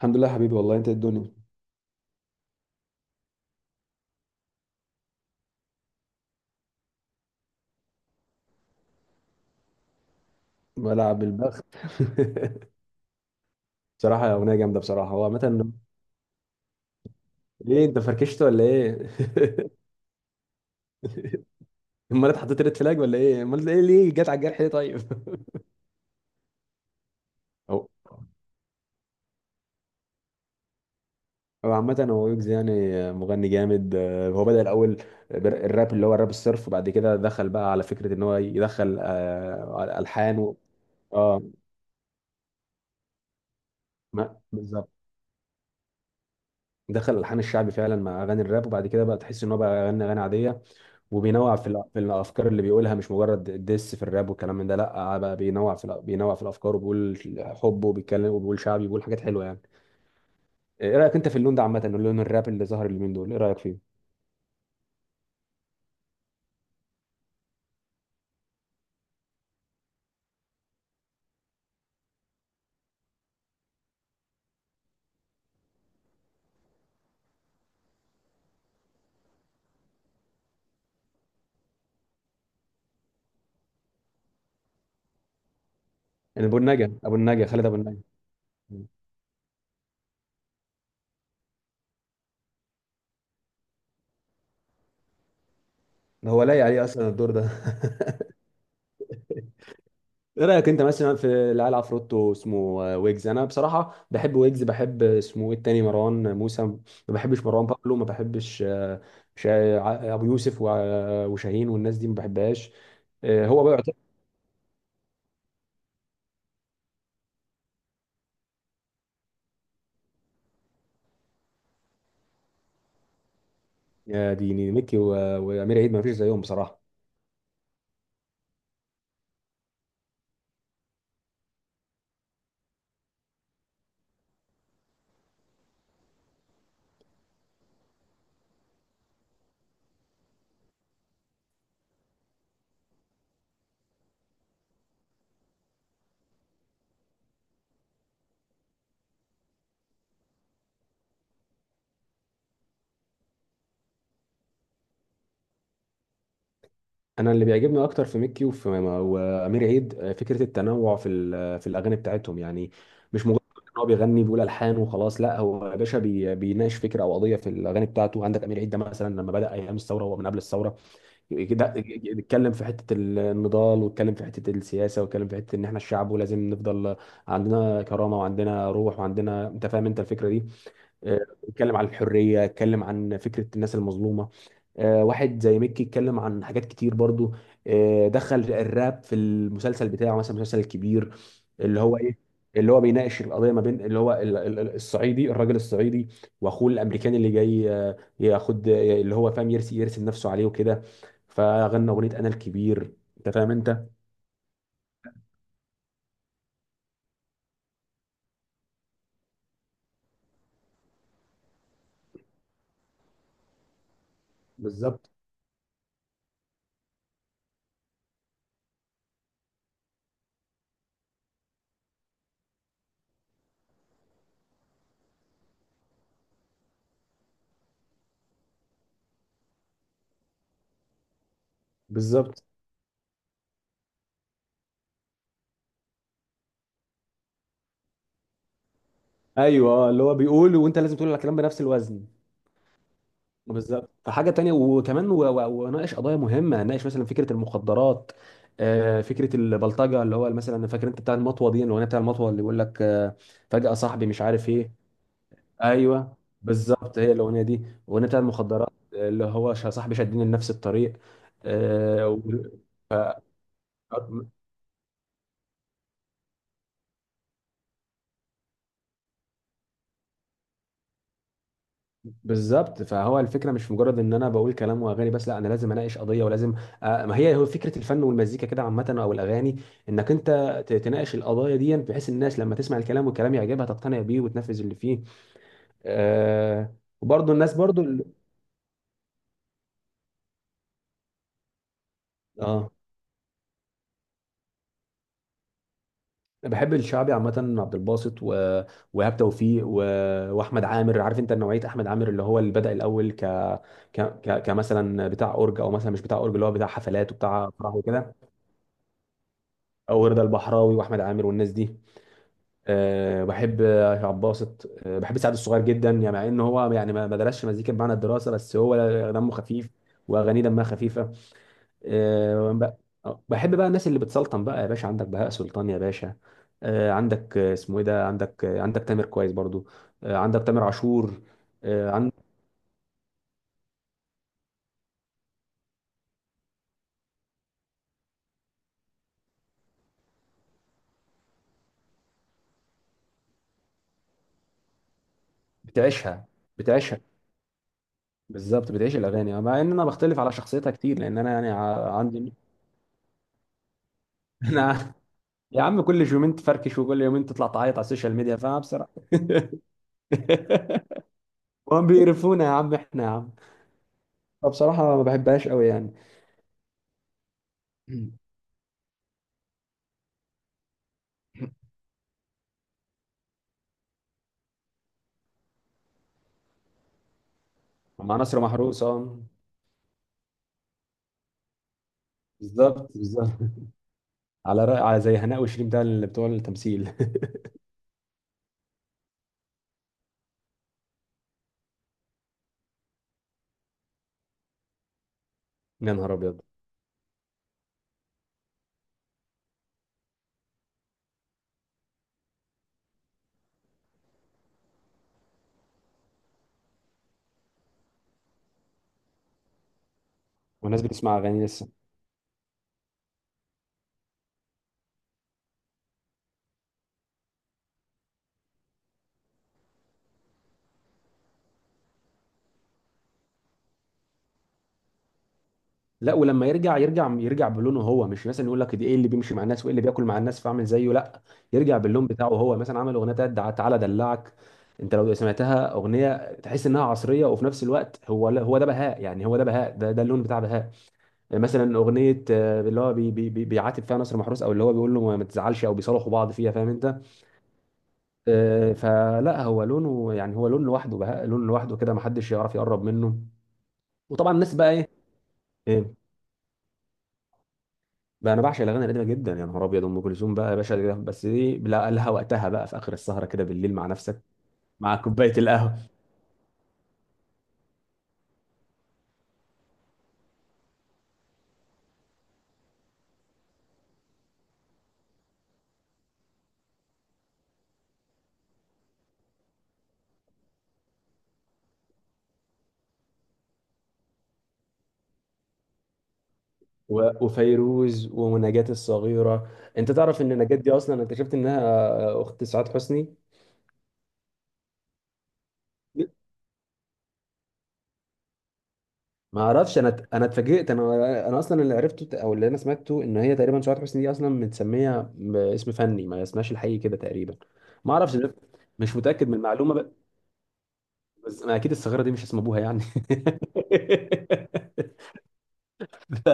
الحمد لله يا حبيبي، والله انت إيه الدنيا. ملعب البخت. بصراحه اغنيه جامده بصراحه، هو عامه. ليه انت فركشت ولا ايه؟ امال انت حطيت ريد فلاج ولا ايه؟ امال ايه، ليه جت على الجرح ليه طيب؟ هو هو عامه، هو ويجز يعني. مغني جامد، هو بدأ الاول. الراب، اللي هو الراب الصرف، وبعد كده دخل بقى على فكره ان هو يدخل الحان اه. بالظبط، دخل الحان الشعبي فعلا مع اغاني الراب، وبعد كده بقى تحس ان هو بقى غنى اغاني عاديه، وبينوع في الافكار اللي بيقولها، مش مجرد ديس في الراب والكلام من ده لا. بقى بينوع في بينوع في الافكار، وبيقول حب وبيتكلم وبيقول شعبي وبيقول حاجات حلوه يعني. ايه رايك انت في اللون ده عامه، اللون الراب اللي ظهر اليومين دول، ايه رايك فيه؟ يعني ابو النجا، خالد ابو النجا، ده هو لايق عليه اصلا الدور ده. ايه رايك انت مثلا في العيال، عفروتو اسمه ويجز، انا بصراحه بحب ويجز، بحب اسمه ايه التاني، مروان موسى، ما بحبش، مروان بابلو ما بحبش. ابو يوسف وشاهين والناس دي ما بحبهاش. آه، هو بقى يا ديني، ميكي وامير عيد ما فيش زيهم بصراحه. انا اللي بيعجبني اكتر في ميكي وفي وامير عيد فكره التنوع في الاغاني بتاعتهم يعني، مش مجرد ان هو بيغني بيقول الحان وخلاص، لا، هو يا باشا بيناقش فكره او قضيه في الاغاني بتاعته. عندك امير عيد ده مثلا، لما بدا ايام الثوره، هو من قبل الثوره كده اتكلم في حته النضال، واتكلم في حته السياسه، واتكلم في حته ان احنا الشعب ولازم نفضل عندنا كرامه وعندنا روح وعندنا، انت فاهم انت الفكره دي. اتكلم عن الحريه، اتكلم عن فكره الناس المظلومه. واحد زي ميكي اتكلم عن حاجات كتير برضو. دخل الراب في المسلسل بتاعه مثلا، المسلسل الكبير اللي هو ايه، اللي هو بيناقش القضيه ما بين اللي هو الصعيدي، الراجل الصعيدي، واخوه الامريكاني اللي جاي ياخد، اللي هو فاهم يرسم نفسه عليه وكده، فغنى اغنيه انا الكبير، انت فاهم انت. بالظبط بالظبط. ايوه، اللي هو بيقول، وانت لازم تقول الكلام بنفس الوزن. بالظبط. فحاجه تانية، وكمان وناقش قضايا مهمه، ناقش مثلا فكره المخدرات، فكره البلطجه، اللي هو مثلا فاكر انت بتاع المطوه دي، الاغنيه بتاع المطوه، اللي بيقول لك فجاه صاحبي مش عارف ايه. ايوه، بالظبط، هي الاغنيه دي، الاغنيه بتاع المخدرات. اللي هو صاحبي شدني لنفس الطريق، آه، و- بالظبط. فهو الفكره مش مجرد ان انا بقول كلام واغاني بس، لا، انا لازم اناقش قضيه ولازم. ما هي هو فكره الفن والمزيكا كده عامه او الاغاني، انك انت تناقش القضايا دي، بحيث الناس لما تسمع الكلام والكلام يعجبها تقتنع بيه وتنفذ اللي فيه. آه، وبرضه الناس برضه ال- اه، أنا بحب الشعبي عامة، عبد الباسط وإيهاب توفيق وأحمد عامر، عارف أنت نوعية أحمد عامر اللي هو اللي بدأ الأول كمثلا بتاع أورج، أو مثلا مش بتاع أورج، اللي هو بتاع حفلات وبتاع فرح وكده. أو رضا البحراوي وأحمد عامر والناس دي، أه بحب شعب باسط. أه بحب سعد الصغير جدا يعني، مع ان هو يعني ما درسش مزيكا بمعنى الدراسه، بس هو دمه خفيف واغانيه دمها خفيفه. أه ب- بحب بقى الناس اللي بتسلطن بقى يا باشا، عندك بهاء سلطان يا باشا، أه عندك اسمه ايه ده، عندك عندك تامر كويس برضو، أه عندك تامر عاشور، أه عند بتعيشها، بتعيشها بالظبط، بتعيش الاغاني، مع ان انا بختلف على شخصيتها كتير، لان انا يعني عندي. انا يا عم، كل يومين تفركش، وكل يومين تطلع تعيط على السوشيال ميديا، فاهم، بصراحه. وهم بيقرفونا يا عم، احنا يا عم، فبصراحة ما بحبهاش قوي يعني. مع نصر محروس، اه بالظبط بالظبط، على رأي، على زي هناء وشيرين بتاع، اللي بتوع التمثيل. يا نهار ابيض، والناس بتسمع اغاني لسه. لا، ولما يرجع يرجع يرجع بلونه هو، مش مثلا يقول لك دي ايه اللي بيمشي مع الناس وايه اللي بياكل مع الناس فاعمل زيه، لا، يرجع باللون بتاعه هو. مثلا عمل اغنيه بتاعت تعالى دلعك، انت لو سمعتها اغنيه تحس انها عصريه، وفي نفس الوقت هو ده بهاء، يعني هو ده بهاء، ده اللون بتاع بهاء. يعني مثلا اغنيه اللي هو بي بي بي بيعاتب فيها نصر محروس، او اللي هو بيقول له ما تزعلش، او بيصالحوا بعض فيها، فاهم انت؟ فلا هو لونه، يعني هو لون لوحده، بهاء لون لوحده كده، ما حدش يعرف يقرب منه. وطبعا الناس بقى ايه؟ إيه؟ بقى انا بعشق الاغاني القديمه جدا، يا نهار ابيض، ام كلثوم بقى يا باشا، بس دي لها وقتها بقى، في اخر السهره كده بالليل مع نفسك، مع كوبايه القهوه وفيروز ونجاة الصغيره. انت تعرف ان نجاة دي اصلا اكتشفت انها اخت سعاد حسني؟ ما اعرفش، انا اتفاجئت، انا اصلا اللي عرفته او اللي انا سمعته ان هي تقريبا شعر حسني دي اصلا متسميه باسم فني، ما اسمهاش الحقيقي كده تقريبا. ما اعرفش مش متاكد من المعلومه بس ما اكيد الصغيره دي مش اسم ابوها يعني. ف...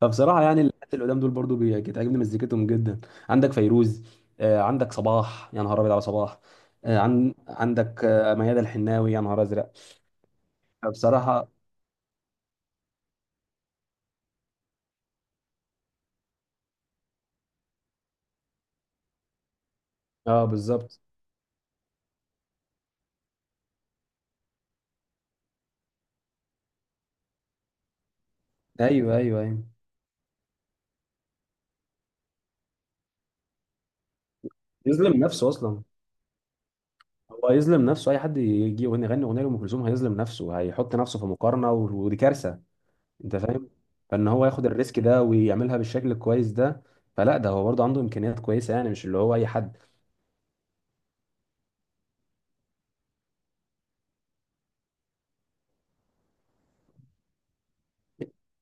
فبصراحه يعني الناس اللي قدام دول برضو بتعجبني مزيكتهم جدا، عندك فيروز، عندك صباح، يا نهار ابيض على صباح، عندك ميادة الحناوي، يا نهار ازرق. بصراحه، اه بالظبط، ايوه ايوه ايوه، يظلم نفسه اصلا، هو هيظلم نفسه اي حد يجي يغني، يغني اغنيه لام كلثوم هيظلم نفسه، هيحط نفسه في مقارنه ودي كارثه، انت فاهم. فان هو ياخد الريسك ده ويعملها بالشكل الكويس ده، فلا، ده هو برضه عنده امكانيات كويسه، يعني مش اللي هو اي حد.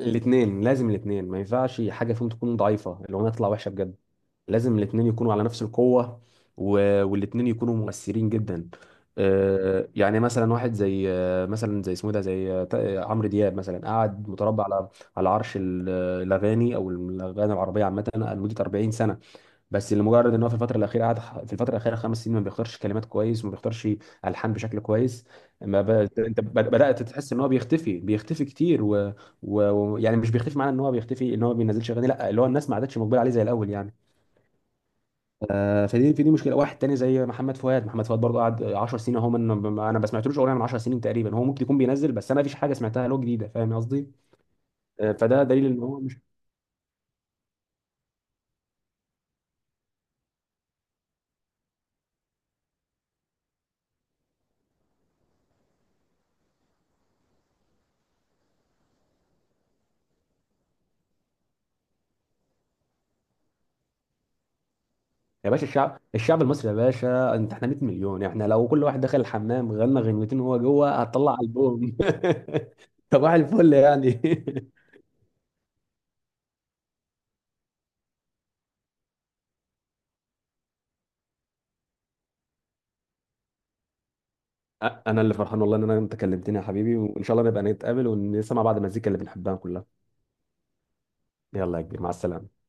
الاثنين، لازم الاثنين ما ينفعش حاجه فيهم تكون ضعيفه، الاغنيه تطلع وحشه بجد، لازم الاثنين يكونوا على نفس القوه، والاثنين يكونوا مؤثرين جدا. يعني مثلا واحد زي مثلا زي اسمه ده، زي عمرو دياب مثلا، قعد متربع على على عرش الاغاني، او الاغاني العربيه عامه، لمده 40 سنه. بس لمجرد ان هو في الفتره الاخيره قعد ح- في الفتره الاخيره 5 سنين ما بيختارش كلمات كويس، وما بيختارش الحان بشكل كويس. ما ب... انت بدات تحس ان هو بيختفي، بيختفي كتير، ويعني يعني مش بيختفي معناه ان هو بيختفي، ان هو ما بينزلش اغاني، لا، اللي هو الناس ما عادتش مقبله عليه زي الاول يعني. آه، فدي في دي مشكله. واحد تاني زي محمد فؤاد، برضه قعد 10 سنين اهو، انا ما سمعتلوش اغنيه من 10 سنين تقريبا، هو ممكن يكون بينزل، بس انا ما فيش حاجه سمعتها له جديده، فاهم قصدي. آه، فده دليل ان هو مش. يا باشا الشعب، الشعب المصري يا باشا، انت احنا 100 مليون، احنا لو كل واحد دخل الحمام غنى غنوتين وهو جوه، هتطلع البوم. صباح الفل يعني. انا اللي فرحان والله، ان انا انت كلمتني يا حبيبي، وان شاء الله نبقى نتقابل ونسمع بعض المزيكا اللي بنحبها كلها. يلا يا كبير، مع السلامه.